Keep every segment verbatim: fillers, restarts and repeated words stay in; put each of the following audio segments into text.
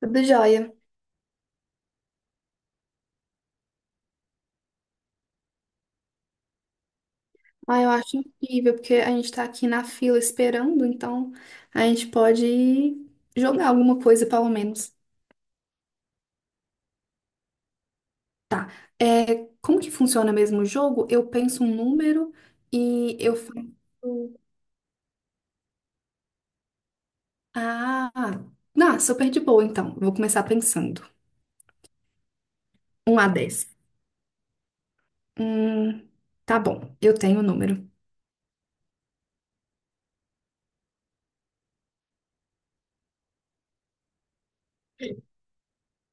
Tudo jóia. Ah, eu acho incrível, porque a gente tá aqui na fila esperando, então a gente pode jogar alguma coisa, pelo menos. Tá. É, como que funciona mesmo o jogo? Eu penso um número e eu faço. Ah, não, super de boa, então. Vou começar pensando. Um a dez. Hum, tá bom, eu tenho o número.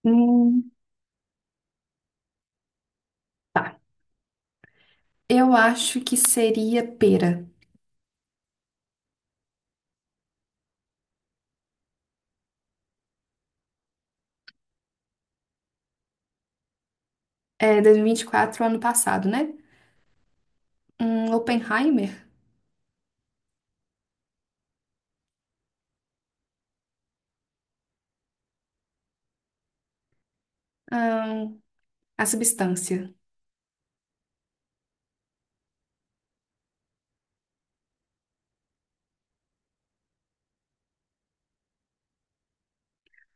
Hum, tá. Eu acho que seria pera. É dois mil e e vinte e quatro, ano passado, né? Um Oppenheimer? Ahn, a substância.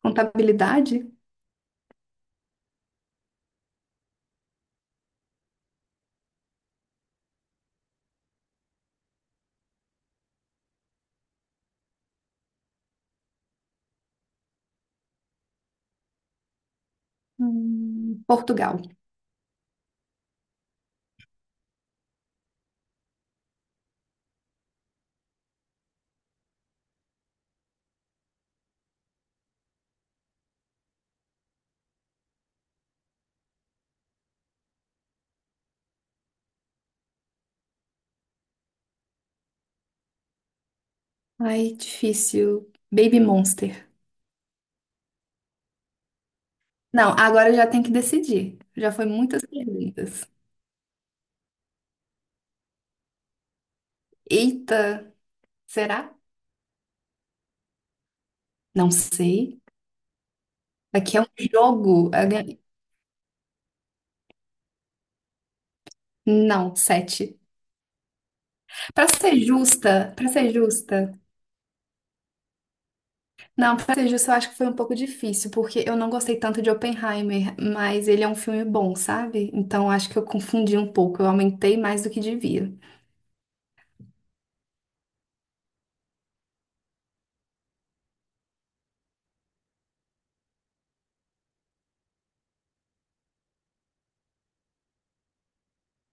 Contabilidade? Hum, Portugal. Ai, difícil. Baby Monster. Não, agora eu já tenho que decidir. Já foi muitas perguntas. Eita, será? Não sei. Aqui é um jogo. Eu ganhei- Não, sete. Pra ser justa, pra ser justa. Não, pra ser justa, eu acho que foi um pouco difícil, porque eu não gostei tanto de Oppenheimer, mas ele é um filme bom, sabe? Então acho que eu confundi um pouco. Eu aumentei mais do que devia.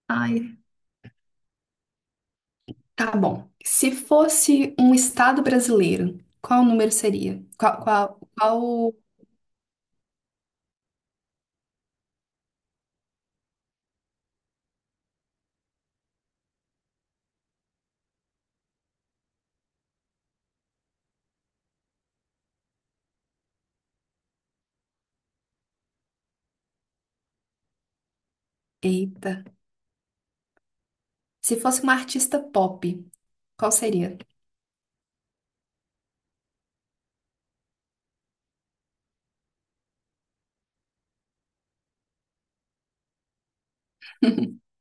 Ai, tá bom. Se fosse um estado brasileiro, qual o número seria? Qual, qual, qual... Eita. Se fosse uma artista pop, qual seria?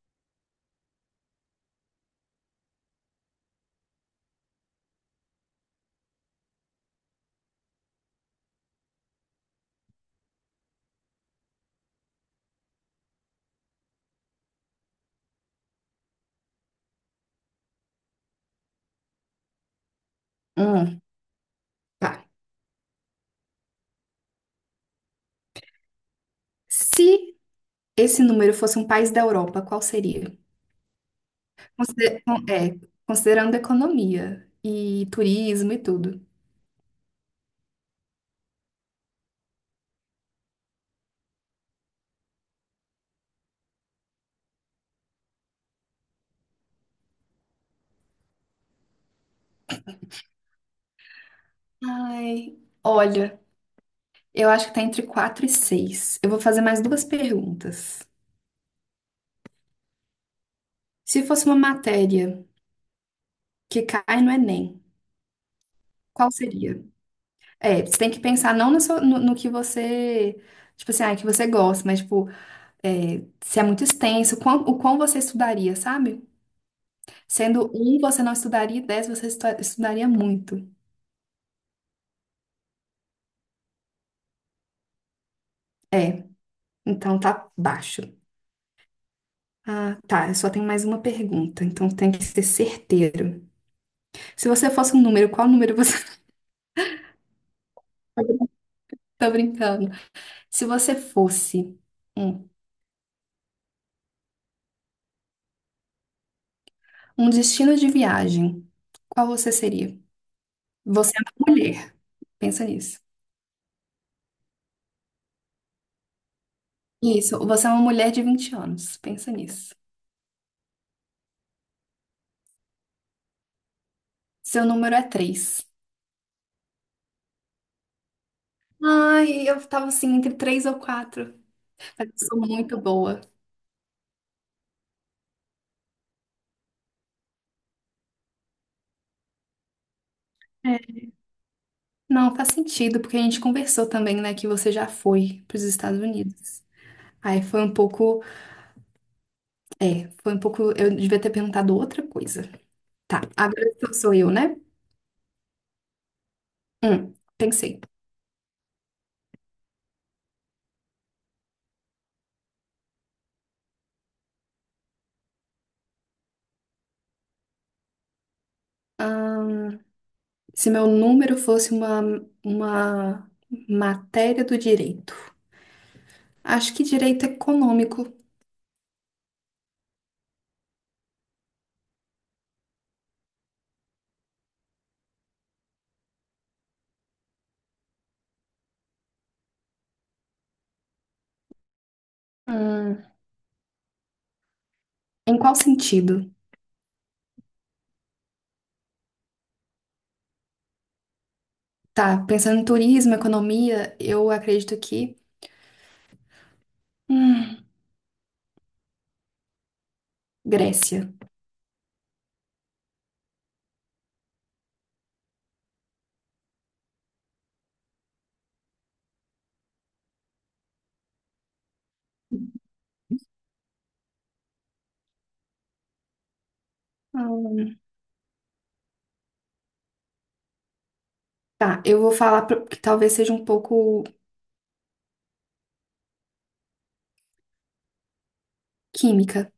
Hum, tá. Se esse número fosse um país da Europa, qual seria? Consider- é, Considerando economia e turismo e tudo. Ai, olha, eu acho que tá entre quatro e seis. Eu vou fazer mais duas perguntas. Se fosse uma matéria que cai no Enem, qual seria? É, você tem que pensar não no, seu- no- no que você, tipo assim, ah, que você gosta, mas, tipo, é, se é muito extenso, o quão, o quão você estudaria, sabe? Sendo um, você não estudaria, e dez, você estu- estudaria muito. É, então tá baixo. Ah, tá, eu só tenho mais uma pergunta, então tem que ser certeiro. Se você fosse um número, qual número você... Tô brincando. Se você fosse um, um destino de viagem, qual você seria? Você é uma mulher, pensa nisso. Isso, você é uma mulher de vinte anos. Pensa nisso. Seu número é três. Ai, eu tava assim entre três ou quatro. Mas eu sou muito boa. É. Não, faz sentido, porque a gente conversou também, né, que você já foi pros Estados Unidos. Aí foi um pouco. É, foi um pouco. Eu devia ter perguntado outra coisa. Tá, agora sou sou eu, né? Hum, pensei. Ahn, Se meu número fosse uma, uma matéria do direito. Acho que direito econômico. Hum, Em qual sentido? Tá, pensando em turismo, economia, eu acredito que. Hum, Grécia. Hum. Tá, eu vou falar pro- que talvez seja um pouco química,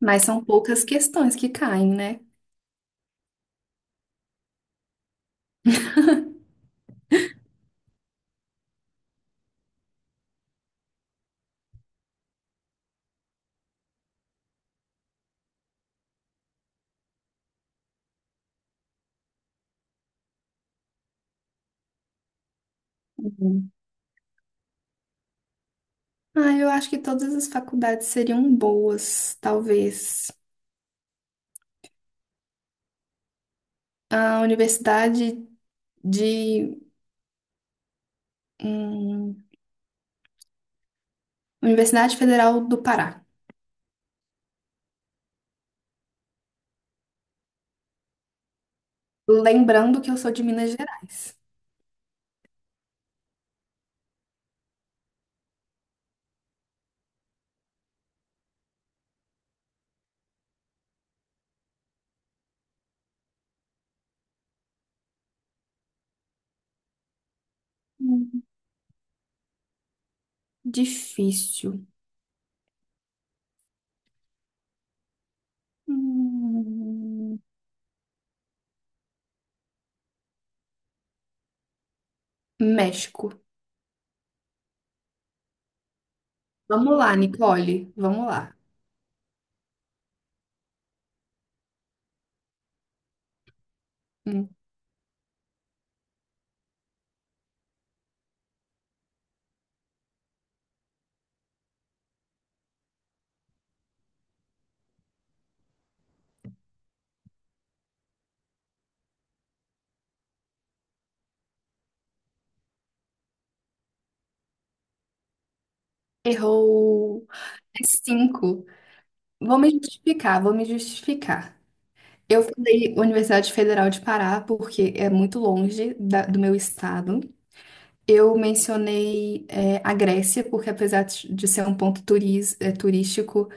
mas são poucas questões que caem, né? Uhum. Ah, eu acho que todas as faculdades seriam boas, talvez. A Universidade de. hum, Universidade Federal do Pará. Lembrando que eu sou de Minas Gerais. Hum, Difícil. Hum, México. Vamos lá, Nicole. Vamos lá. Hum, Errou. É cinco. Vou me justificar, vou me justificar. Eu falei Universidade Federal de Pará porque é muito longe da- do meu estado. Eu mencionei é, a Grécia porque apesar de de ser um ponto turis- é, turístico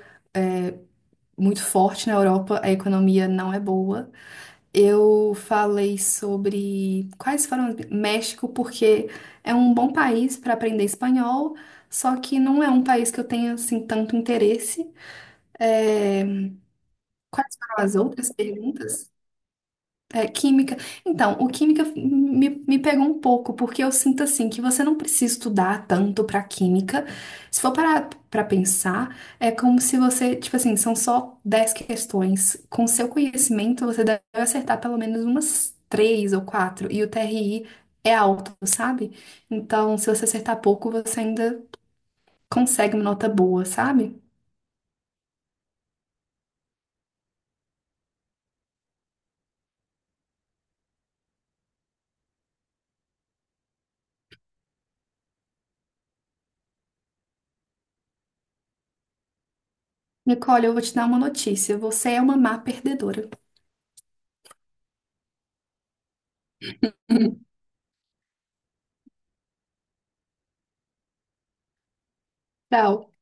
muito forte na Europa, a economia não é boa. Eu falei sobre quais foram México, porque é um bom país para aprender espanhol, só que não é um país que eu tenha assim tanto interesse. É, quais foram as outras perguntas? É, química. Então, o química me, me pegou um pouco, porque eu sinto assim que você não precisa estudar tanto pra química. Se for parar pra pensar, é como se você, tipo assim, são só dez questões. Com seu conhecimento, você deve acertar pelo menos umas três ou quatro. E o T R I é alto, sabe? Então, se você acertar pouco, você ainda consegue uma nota boa, sabe? Nicole, eu vou te dar uma notícia. Você é uma má perdedora. Tchau.